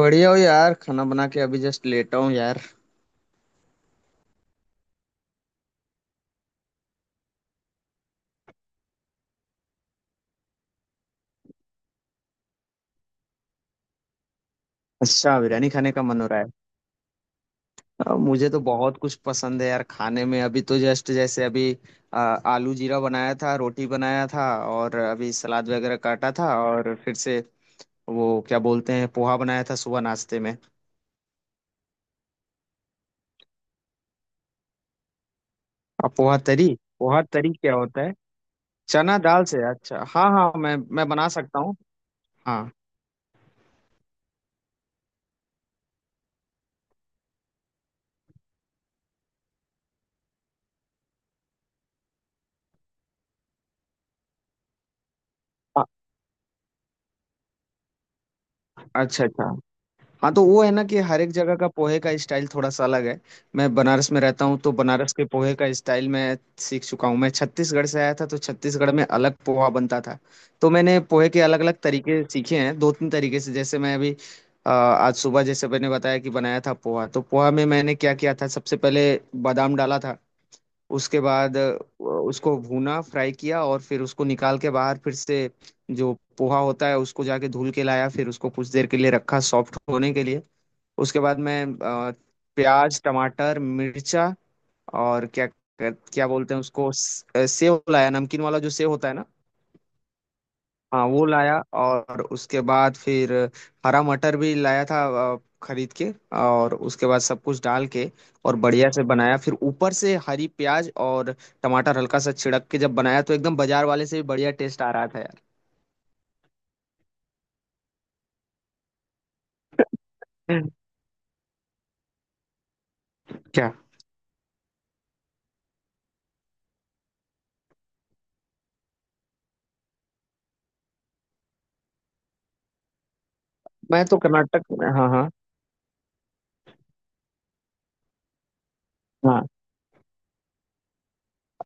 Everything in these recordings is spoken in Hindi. बढ़िया हो यार। खाना बना के अभी जस्ट लेटा हूँ यार। अच्छा, बिरयानी खाने का मन हो रहा है। अब मुझे तो बहुत कुछ पसंद है यार खाने में। अभी तो जस्ट, जैसे अभी आलू जीरा बनाया था, रोटी बनाया था, और अभी सलाद वगैरह काटा था। और फिर से, वो क्या बोलते हैं, पोहा बनाया था सुबह नाश्ते में। अब पोहा तरी, पोहा तरी क्या होता है? चना दाल से, अच्छा हाँ हाँ, मैं बना सकता हूँ। हाँ। अ- अच्छा अच्छा। हाँ तो वो है ना कि हर एक जगह का पोहे का स्टाइल थोड़ा सा अलग है। मैं बनारस में रहता हूँ तो बनारस के पोहे का स्टाइल मैं सीख चुका हूँ। मैं छत्तीसगढ़ से आया था तो छत्तीसगढ़ में अलग पोहा बनता था। तो मैंने पोहे के अलग अलग तरीके सीखे हैं, दो तीन तरीके से। जैसे मैं अभी आज सुबह जैसे मैंने बताया कि बनाया था पोहा, तो पोहा में मैंने क्या किया था? सबसे पहले बादाम डाला था। उसके बाद उसको भूना, फ्राई किया, और फिर उसको निकाल के बाहर। फिर से जो पोहा होता है उसको जाके धुल के लाया, फिर उसको कुछ देर के लिए रखा सॉफ्ट होने के लिए। उसके बाद मैं अ, प्याज, टमाटर, मिर्चा, और क्या, क्या बोलते हैं उसको, सेव लाया, नमकीन वाला जो सेव होता है ना। हाँ वो लाया। और उसके बाद फिर हरा मटर भी लाया था, खरीद के। और उसके बाद सब कुछ डाल के और बढ़िया से बनाया। फिर ऊपर से हरी प्याज और टमाटर हल्का सा छिड़क के जब बनाया तो एकदम बाजार वाले से भी बढ़िया टेस्ट आ रहा था यार। क्या? मैं तो हाँ हाँ। हाँ।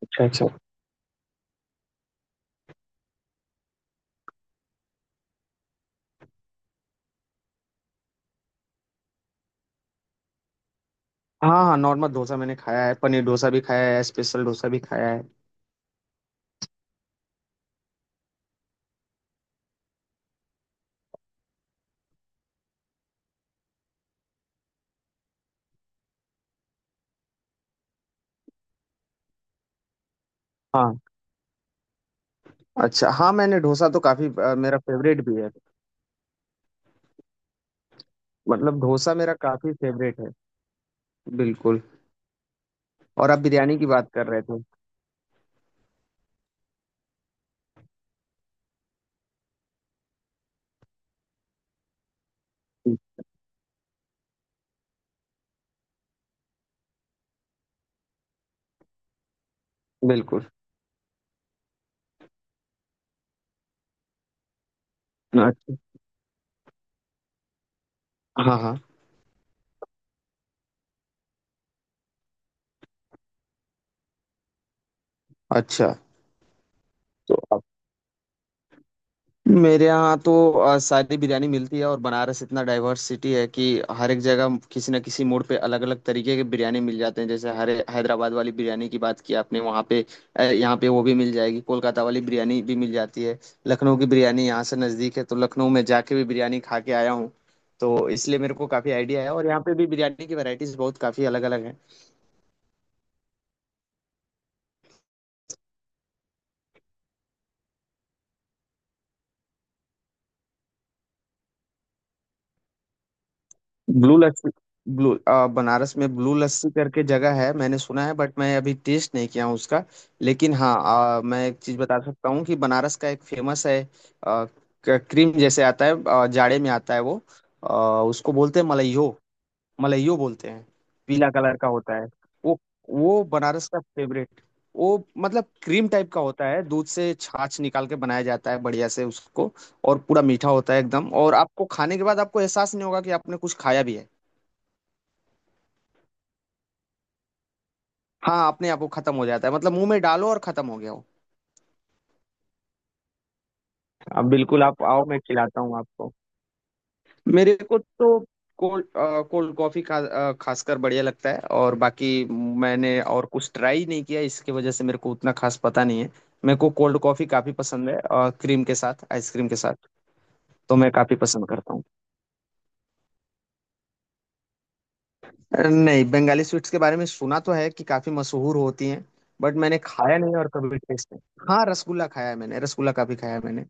अच्छा अच्छा। हाँ हाँ, नॉर्मल डोसा मैंने खाया है, पनीर डोसा भी खाया है, स्पेशल डोसा भी खाया है। हाँ। अच्छा हाँ, मैंने डोसा तो काफी मेरा फेवरेट भी है। मतलब डोसा मेरा काफी फेवरेट है। बिल्कुल। और आप बिरयानी की बात कर रहे थे। बिल्कुल। अच्छा। हाँ हाँ। अच्छा। तो मेरे यहाँ तो सारी बिरयानी मिलती है, और बनारस इतना डाइवर्सिटी है कि हर एक जगह किसी न किसी मोड़ पे अलग अलग तरीके के बिरयानी मिल जाते हैं। जैसे हरे, हैदराबाद वाली बिरयानी की बात की आपने, वहाँ पे यहाँ पे वो भी मिल जाएगी। कोलकाता वाली बिरयानी भी मिल जाती है। लखनऊ की बिरयानी यहाँ से नज़दीक है, तो लखनऊ में जाके भी बिरयानी खा के आया हूँ। तो इसलिए मेरे को काफ़ी आइडिया है, और यहाँ पे भी बिरयानी की वैरायटीज बहुत काफ़ी अलग अलग हैं। ब्लू लस्सी? बनारस में ब्लू लस्सी करके जगह है, मैंने सुना है, बट मैं अभी टेस्ट नहीं किया हूँ उसका। लेकिन हाँ, मैं एक चीज़ बता सकता हूँ कि बनारस का एक फेमस है। क्रीम जैसे आता है, जाड़े में आता है वो। उसको बोलते हैं मलइयो। मलइयो बोलते हैं। पीला कलर का होता है। वो वो बनारस का फेवरेट। वो, मतलब क्रीम टाइप का होता है। दूध से छाछ निकाल के बनाया जाता है बढ़िया से उसको। और पूरा मीठा होता है एकदम, और आपको खाने के बाद आपको एहसास नहीं होगा कि आपने कुछ खाया भी है। हाँ, अपने आप वो खत्म हो जाता है, मतलब मुंह में डालो और खत्म हो गया वो। अब बिल्कुल, आप आओ, मैं खिलाता हूँ आपको। मेरे को तो कोल्ड, कोल्ड कॉफी खासकर बढ़िया लगता है, और बाकी मैंने और कुछ ट्राई नहीं किया, इसकी वजह से मेरे को उतना खास पता नहीं है। मेरे को कोल्ड कॉफी काफी पसंद है, और क्रीम के साथ, आइसक्रीम के साथ, तो मैं काफी पसंद करता हूँ। नहीं, बंगाली स्वीट्स के बारे में सुना तो है कि काफी मशहूर होती हैं, बट मैंने खाया नहीं और कभी टेस्ट नहीं। हाँ, रसगुल्ला खाया है मैंने, रसगुल्ला काफी खाया है मैंने।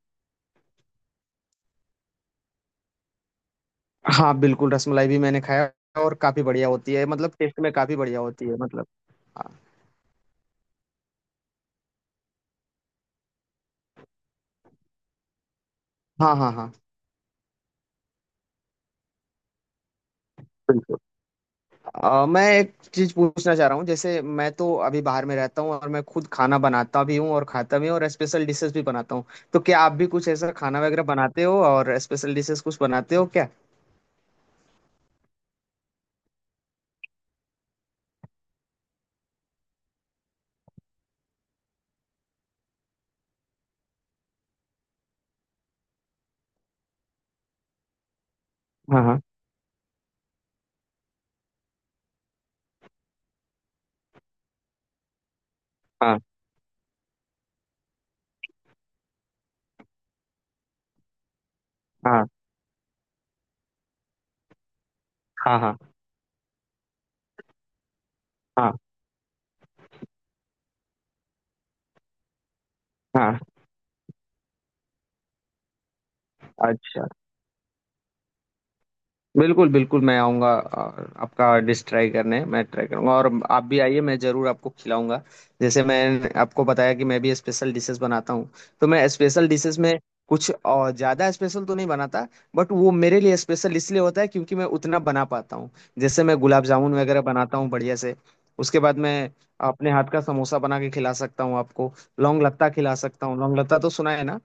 हाँ बिल्कुल, रसमलाई भी मैंने खाया। और काफी बढ़िया होती है, मतलब टेस्ट में काफी बढ़िया होती है, मतलब। हाँ हाँ हाँ। बिल्कुल। मैं एक चीज पूछना चाह रहा हूँ, जैसे मैं तो अभी बाहर में रहता हूँ और मैं खुद खाना बनाता भी हूँ और खाता भी हूँ, और स्पेशल डिशेस भी बनाता हूँ। तो क्या आप भी कुछ ऐसा खाना वगैरह बनाते हो, और स्पेशल डिशेस कुछ बनाते हो क्या? हाँ हाँ हाँ हाँ हाँ हाँ हाँ हाँ। अच्छा। बिल्कुल, बिल्कुल, मैं आऊँगा और आपका डिश ट्राई करने, मैं ट्राई करूँगा, और आप भी आइए, मैं ज़रूर आपको खिलाऊँगा। जैसे मैंने आपको बताया कि मैं भी स्पेशल डिशेज़ बनाता हूँ, तो मैं स्पेशल डिशेज़ में कुछ ज़्यादा स्पेशल तो नहीं बनाता, बट वो मेरे लिए स्पेशल इसलिए होता है क्योंकि मैं उतना बना पाता हूँ। जैसे मैं गुलाब जामुन वगैरह बनाता हूँ बढ़िया से, उसके बाद मैं अपने हाथ का समोसा बना के खिला सकता हूँ आपको, लौंग लत्ता खिला सकता हूँ। लौंग लत्ता तो सुना है ना?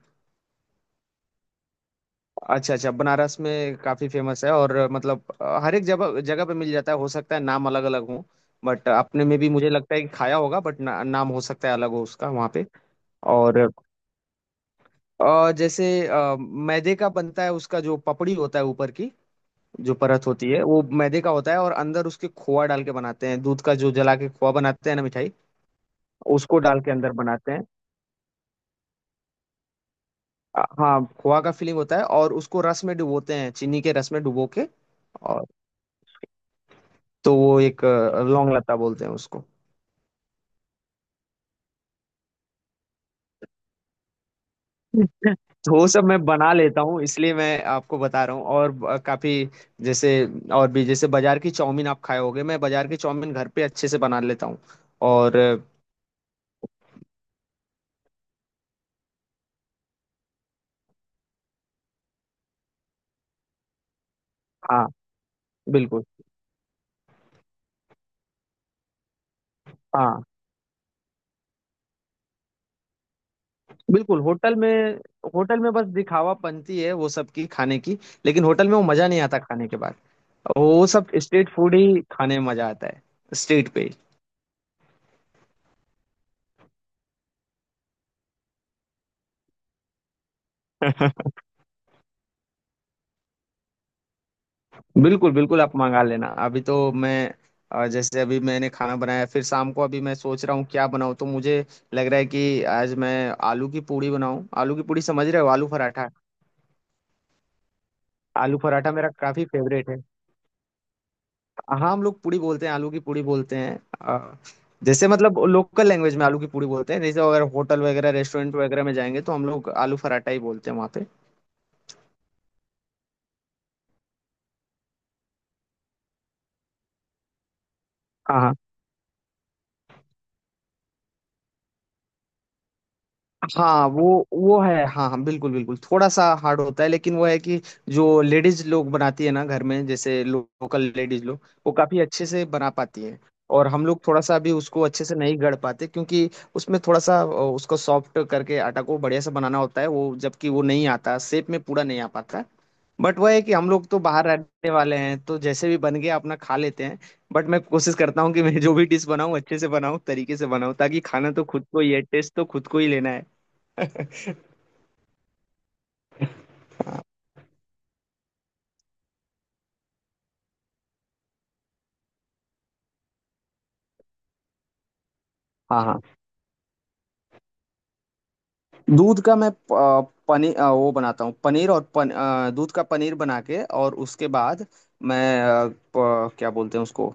अच्छा अच्छा, बनारस में काफी फेमस है, और मतलब हर एक जगह जगह पे मिल जाता है, हो सकता है नाम अलग अलग हो। बट अपने में भी मुझे लगता है कि खाया होगा, बट ना, नाम हो सकता है अलग हो उसका वहाँ पे। और जैसे मैदे का बनता है, उसका जो पपड़ी होता है ऊपर की, जो परत होती है वो मैदे का होता है, और अंदर उसके खोआ डाल के बनाते हैं, दूध का जो जला के खोआ बनाते हैं ना मिठाई, उसको डाल के अंदर बनाते हैं। हाँ, खोआ का फीलिंग होता है, और उसको रस में डुबोते हैं, चीनी के रस में डुबो के। और तो वो एक, लौंग लता बोलते हैं उसको। अच्छा। तो वो सब मैं बना लेता हूँ, इसलिए मैं आपको बता रहा हूँ, और काफी, जैसे, और भी जैसे बाजार की चाउमीन आप खाए होगे, मैं बाजार की चाउमीन घर पे अच्छे से बना लेता हूँ। और हाँ बिल्कुल। हाँ बिल्कुल। होटल में, होटल में बस दिखावापंती है वो सब की खाने की, लेकिन होटल में वो मजा नहीं आता खाने के बाद। वो सब स्ट्रीट फूड ही खाने में मजा आता है। स्ट्रीट पे ही। बिल्कुल बिल्कुल, आप मंगा लेना। अभी तो मैं, जैसे अभी मैंने खाना बनाया, फिर शाम को अभी मैं सोच रहा हूँ क्या बनाऊँ, तो मुझे लग रहा है कि आज मैं आलू की पूड़ी बनाऊँ। आलू की पूड़ी, समझ रहे हो? आलू पराठा। आलू पराठा मेरा काफी फेवरेट है। हाँ, हम लोग पूड़ी बोलते हैं, आलू की पूड़ी बोलते हैं। जैसे मतलब लोकल लैंग्वेज में आलू की पूड़ी बोलते हैं। जैसे अगर होटल वगैरह, रेस्टोरेंट वगैरह में जाएंगे, तो हम लोग आलू पराठा ही बोलते हैं वहाँ पे। हाँ हाँ हाँ। वो है, हाँ हाँ बिल्कुल बिल्कुल, थोड़ा सा हार्ड होता है, लेकिन वो है कि जो लेडीज लोग बनाती है ना घर में, जैसे लोकल लेडीज लोग, वो काफी अच्छे से बना पाती है। और हम लोग थोड़ा सा अभी उसको अच्छे से नहीं गढ़ पाते, क्योंकि उसमें थोड़ा सा उसको सॉफ्ट करके आटा को बढ़िया से बनाना होता है। वो, जबकि वो नहीं आता शेप में, पूरा नहीं आ पाता। बट वह है कि हम लोग तो बाहर रहने वाले हैं, तो जैसे भी बन गया अपना खा लेते हैं। बट मैं कोशिश करता हूँ कि मैं जो भी डिश बनाऊँ अच्छे से बनाऊँ, तरीके से बनाऊँ, ताकि खाना तो खुद को ही है, टेस्ट तो खुद को ही लेना है। हाँ हाँ। दूध का मैं पनीर वो बनाता हूँ, पनीर। और दूध का पनीर बना के, और उसके बाद मैं क्या बोलते हैं उसको,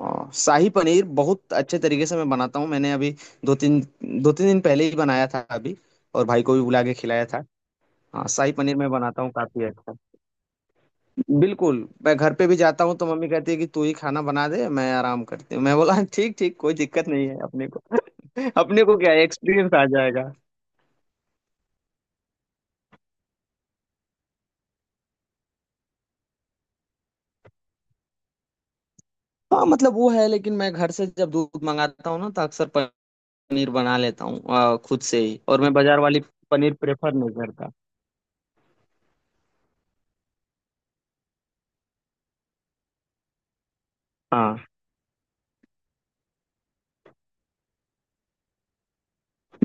शाही पनीर बहुत अच्छे तरीके से मैं बनाता हूँ। मैंने अभी दो तीन दो तीन दिन पहले ही बनाया था अभी, और भाई को भी बुला के खिलाया था। हाँ, शाही पनीर मैं बनाता हूँ काफी अच्छा। बिल्कुल। मैं घर पे भी जाता हूँ तो मम्मी कहती है कि तू ही खाना बना दे, मैं आराम करती हूँ। मैं बोला ठीक ठीक, कोई दिक्कत नहीं है अपने को। अपने को क्या है, एक्सपीरियंस आ जाएगा। हाँ मतलब वो है, लेकिन मैं घर से जब दूध मंगाता हूँ ना तो अक्सर पनीर बना लेता हूँ खुद से ही, और मैं बाजार वाली पनीर प्रेफर नहीं करता। हाँ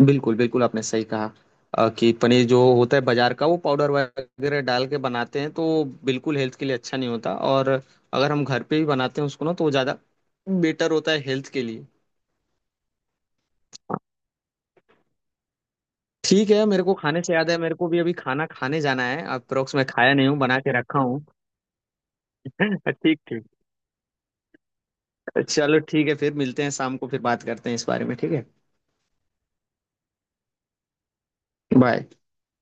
बिल्कुल बिल्कुल, आपने सही कहा, कि पनीर जो होता है बाजार का वो पाउडर वगैरह डाल के बनाते हैं, तो वो बिल्कुल हेल्थ के लिए अच्छा नहीं होता। और अगर हम घर पे ही बनाते हैं उसको ना, तो वो ज़्यादा बेटर होता है हेल्थ के लिए। हाँ, ठीक है। मेरे को खाने से याद है, मेरे को भी अभी खाना खाने जाना है। अप्रोक्स मैं खाया नहीं हूँ, बना के रखा हूँ। ठीक ठीक। चलो ठीक है, फिर मिलते हैं शाम को, फिर बात करते हैं इस बारे में, ठीक है? बाय।